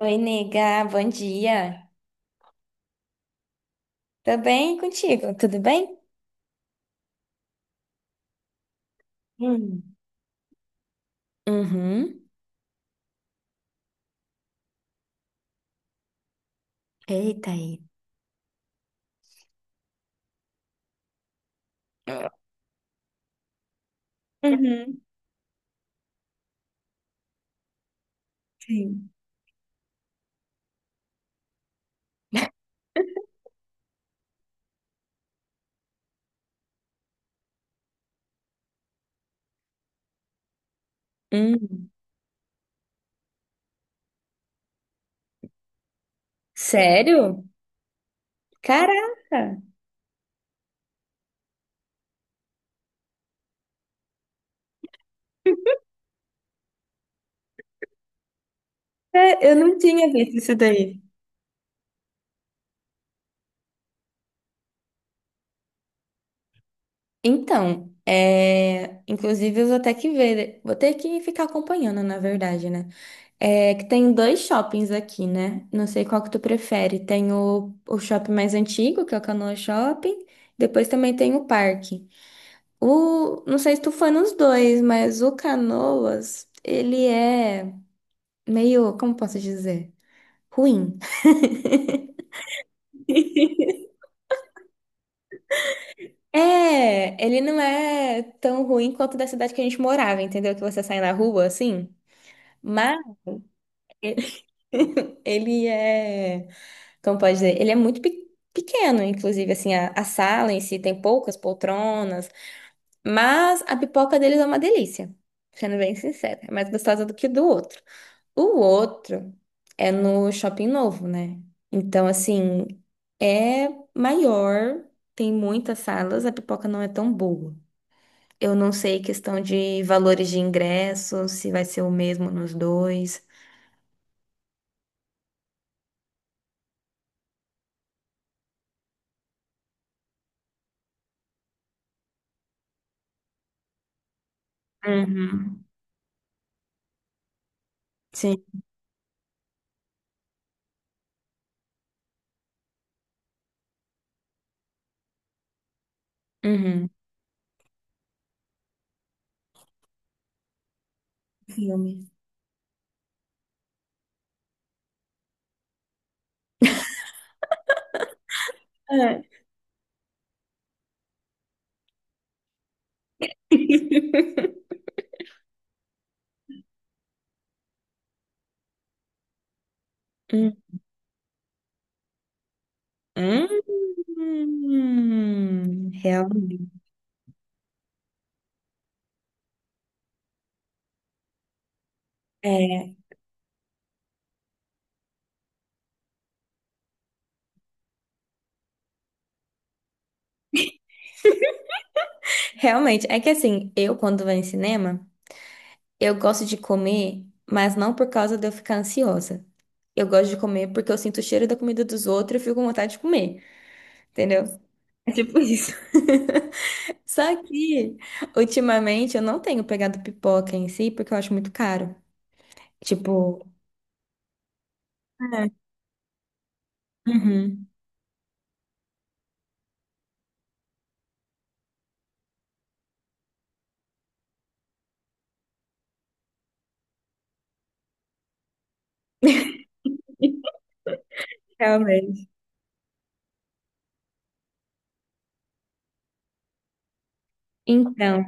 Oi, nega, bom dia. Tô bem e contigo, tudo bem? Hum. Uhum. Eita aí. Uhum, sim. Hum. Sério? Caraca! É, eu não tinha visto isso daí. Então, inclusive eu vou ter que ver, vou ter que ficar acompanhando, na verdade, né? É que tem dois shoppings aqui, né? Não sei qual que tu prefere. Tem o shopping mais antigo, que é o Canoa Shopping, depois também tem o parque. Não sei se tu foi nos dois, mas o Canoas, ele é meio, como posso dizer? Ruim. É, ele não é tão ruim quanto da cidade que a gente morava, entendeu? Que você sai na rua, assim. Mas ele é, como pode dizer? Ele é muito pequeno, inclusive, assim, a sala em si tem poucas poltronas. Mas a pipoca deles é uma delícia, sendo bem sincera. É mais gostosa do que do outro. O outro é no Shopping Novo, né? Então, assim, é maior, tem muitas salas, a pipoca não é tão boa. Eu não sei questão de valores de ingresso, se vai ser o mesmo nos dois. Uhum. Sim. Uhum. Filme. É. Hum. Hum. Realmente. É. Realmente, é que assim, eu quando vou em cinema, eu gosto de comer, mas não por causa de eu ficar ansiosa. Eu gosto de comer porque eu sinto o cheiro da comida dos outros e fico com vontade de comer, entendeu? É tipo isso. Só que, ultimamente, eu não tenho pegado pipoca em si porque eu acho muito caro. Tipo, é, uhum, realmente. Então,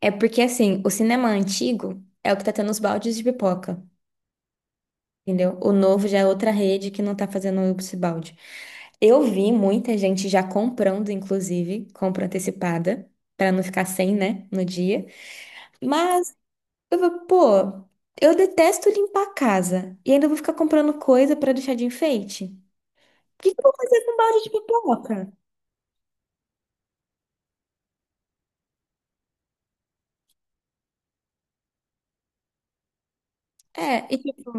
é porque assim, o cinema antigo é o que tá tendo os baldes de pipoca, entendeu? O novo já é outra rede que não tá fazendo esse balde. Eu vi muita gente já comprando, inclusive, compra antecipada, pra não ficar sem, né, no dia. Mas eu falo, pô, eu detesto limpar a casa e ainda vou ficar comprando coisa pra deixar de enfeite. O que que eu vou fazer com um balde de pipoca? É, e tipo,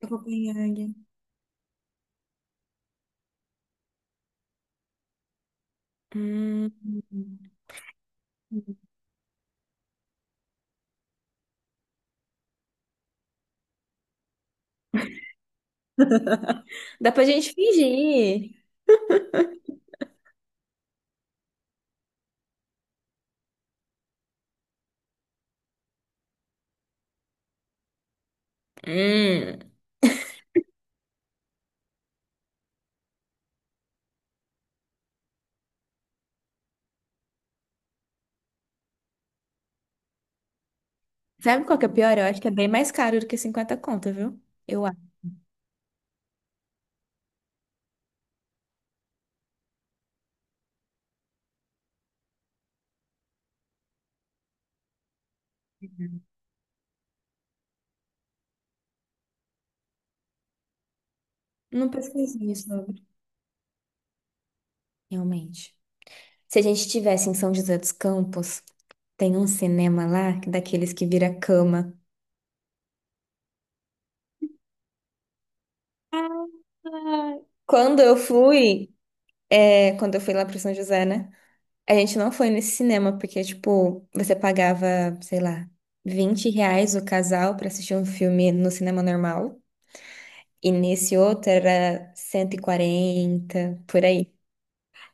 eu vou ganhar. Hum. Dá pra gente fingir. Hum. Sabe qual que é o pior? Eu acho que é bem mais caro do que 50 conto, viu? Eu acho. Não pesquisei sobre. Realmente. Se a gente estivesse em São José dos Campos, tem um cinema lá, daqueles que vira cama. Quando eu fui, É, quando eu fui lá pro São José, né? A gente não foi nesse cinema, porque, tipo, você pagava, sei lá, R$ 20 o casal pra assistir um filme no cinema normal. E nesse outro era 140 por aí.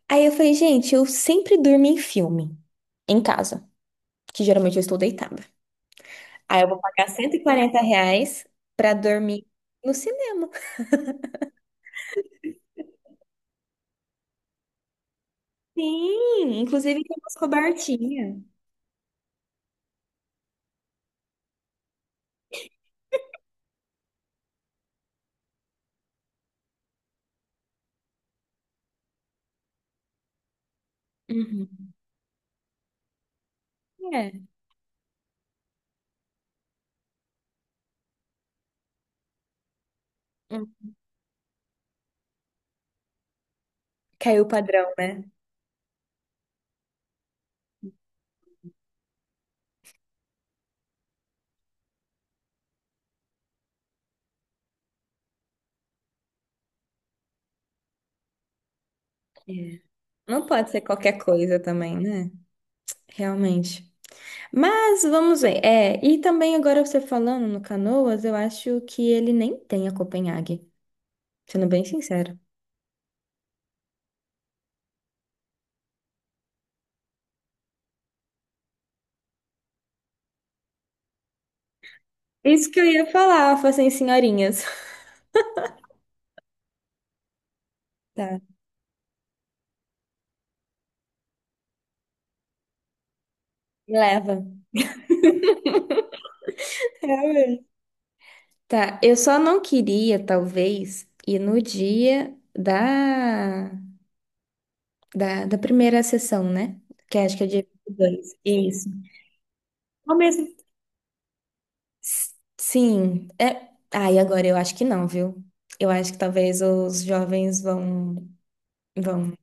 Aí eu falei, gente, eu sempre durmo em filme, em casa, que geralmente eu estou deitada. Aí eu vou pagar R$ 140 pra dormir no cinema. Sim, inclusive tem umas cobertinhas. Uhum. É. Hum. Caiu o padrão, né? Não pode ser qualquer coisa também, né? Realmente. Mas vamos ver. É, e também agora você falando no Canoas, eu acho que ele nem tem a Copenhague, sendo bem sincero. Isso que eu ia falar, eu falei assim, senhorinhas. Tá, leva. Realmente. Tá, eu só não queria, talvez, ir no dia da primeira sessão, né? Que acho que é dia 22. Isso. Começo Sim, é. Ai, agora eu acho que não, viu? Eu acho que talvez os jovens vão, vão.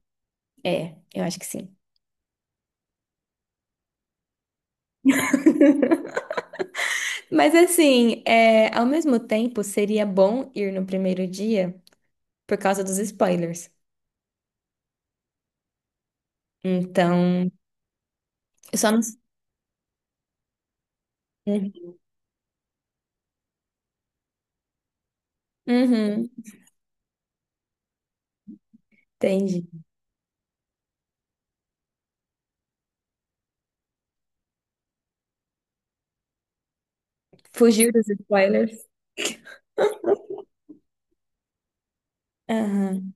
É, eu acho que sim. Mas assim, é, ao mesmo tempo, seria bom ir no primeiro dia por causa dos spoilers. Então, eu só não. Uhum, uhum, entendi. Fugir dos spoilers. Aham.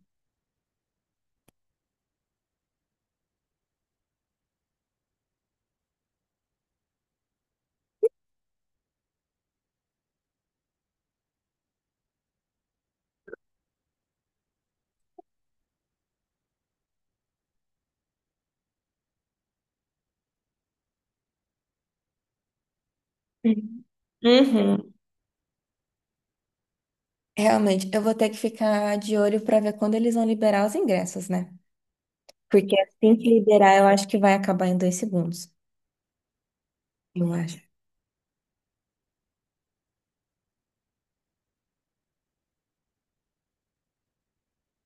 Uhum. Uhum. Realmente, eu vou ter que ficar de olho pra ver quando eles vão liberar os ingressos, né? Porque assim que liberar, eu acho que vai acabar em dois segundos. Eu acho.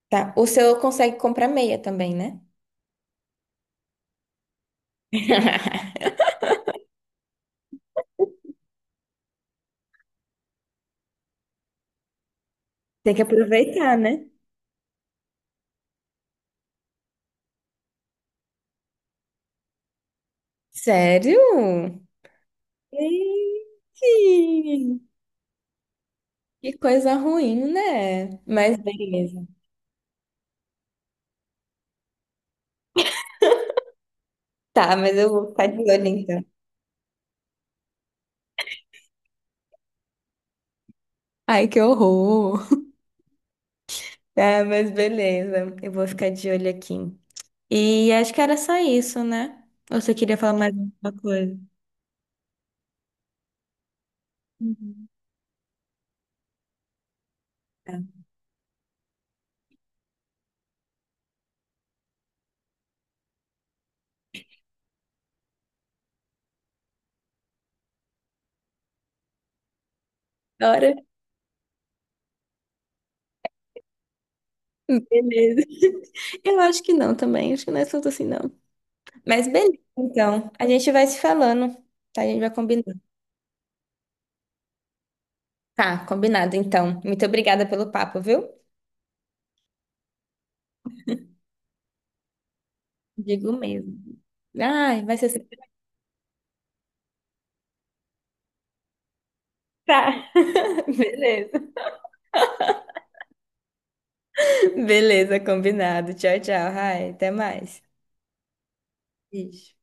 Tá, o seu consegue comprar meia também, né? Tem que aproveitar, né? Sério? Gente, que coisa ruim, né? Mas beleza. Tá, mas eu vou ficar de olho então. Ai, que horror. Tá, mas beleza. Eu vou ficar de olho aqui. E acho que era só isso, né? Ou você queria falar mais alguma coisa? Uhum. Tá. Hora? Beleza. Eu acho que não também. Acho que não é tanto assim, não. Mas beleza, então. A gente vai se falando, tá? A gente vai combinando. Tá, combinado, então. Muito obrigada pelo papo, viu? Digo mesmo. Ai, vai ser sempre. Tá. Beleza. Beleza, combinado. Tchau, tchau. Ai, até mais. Beijo.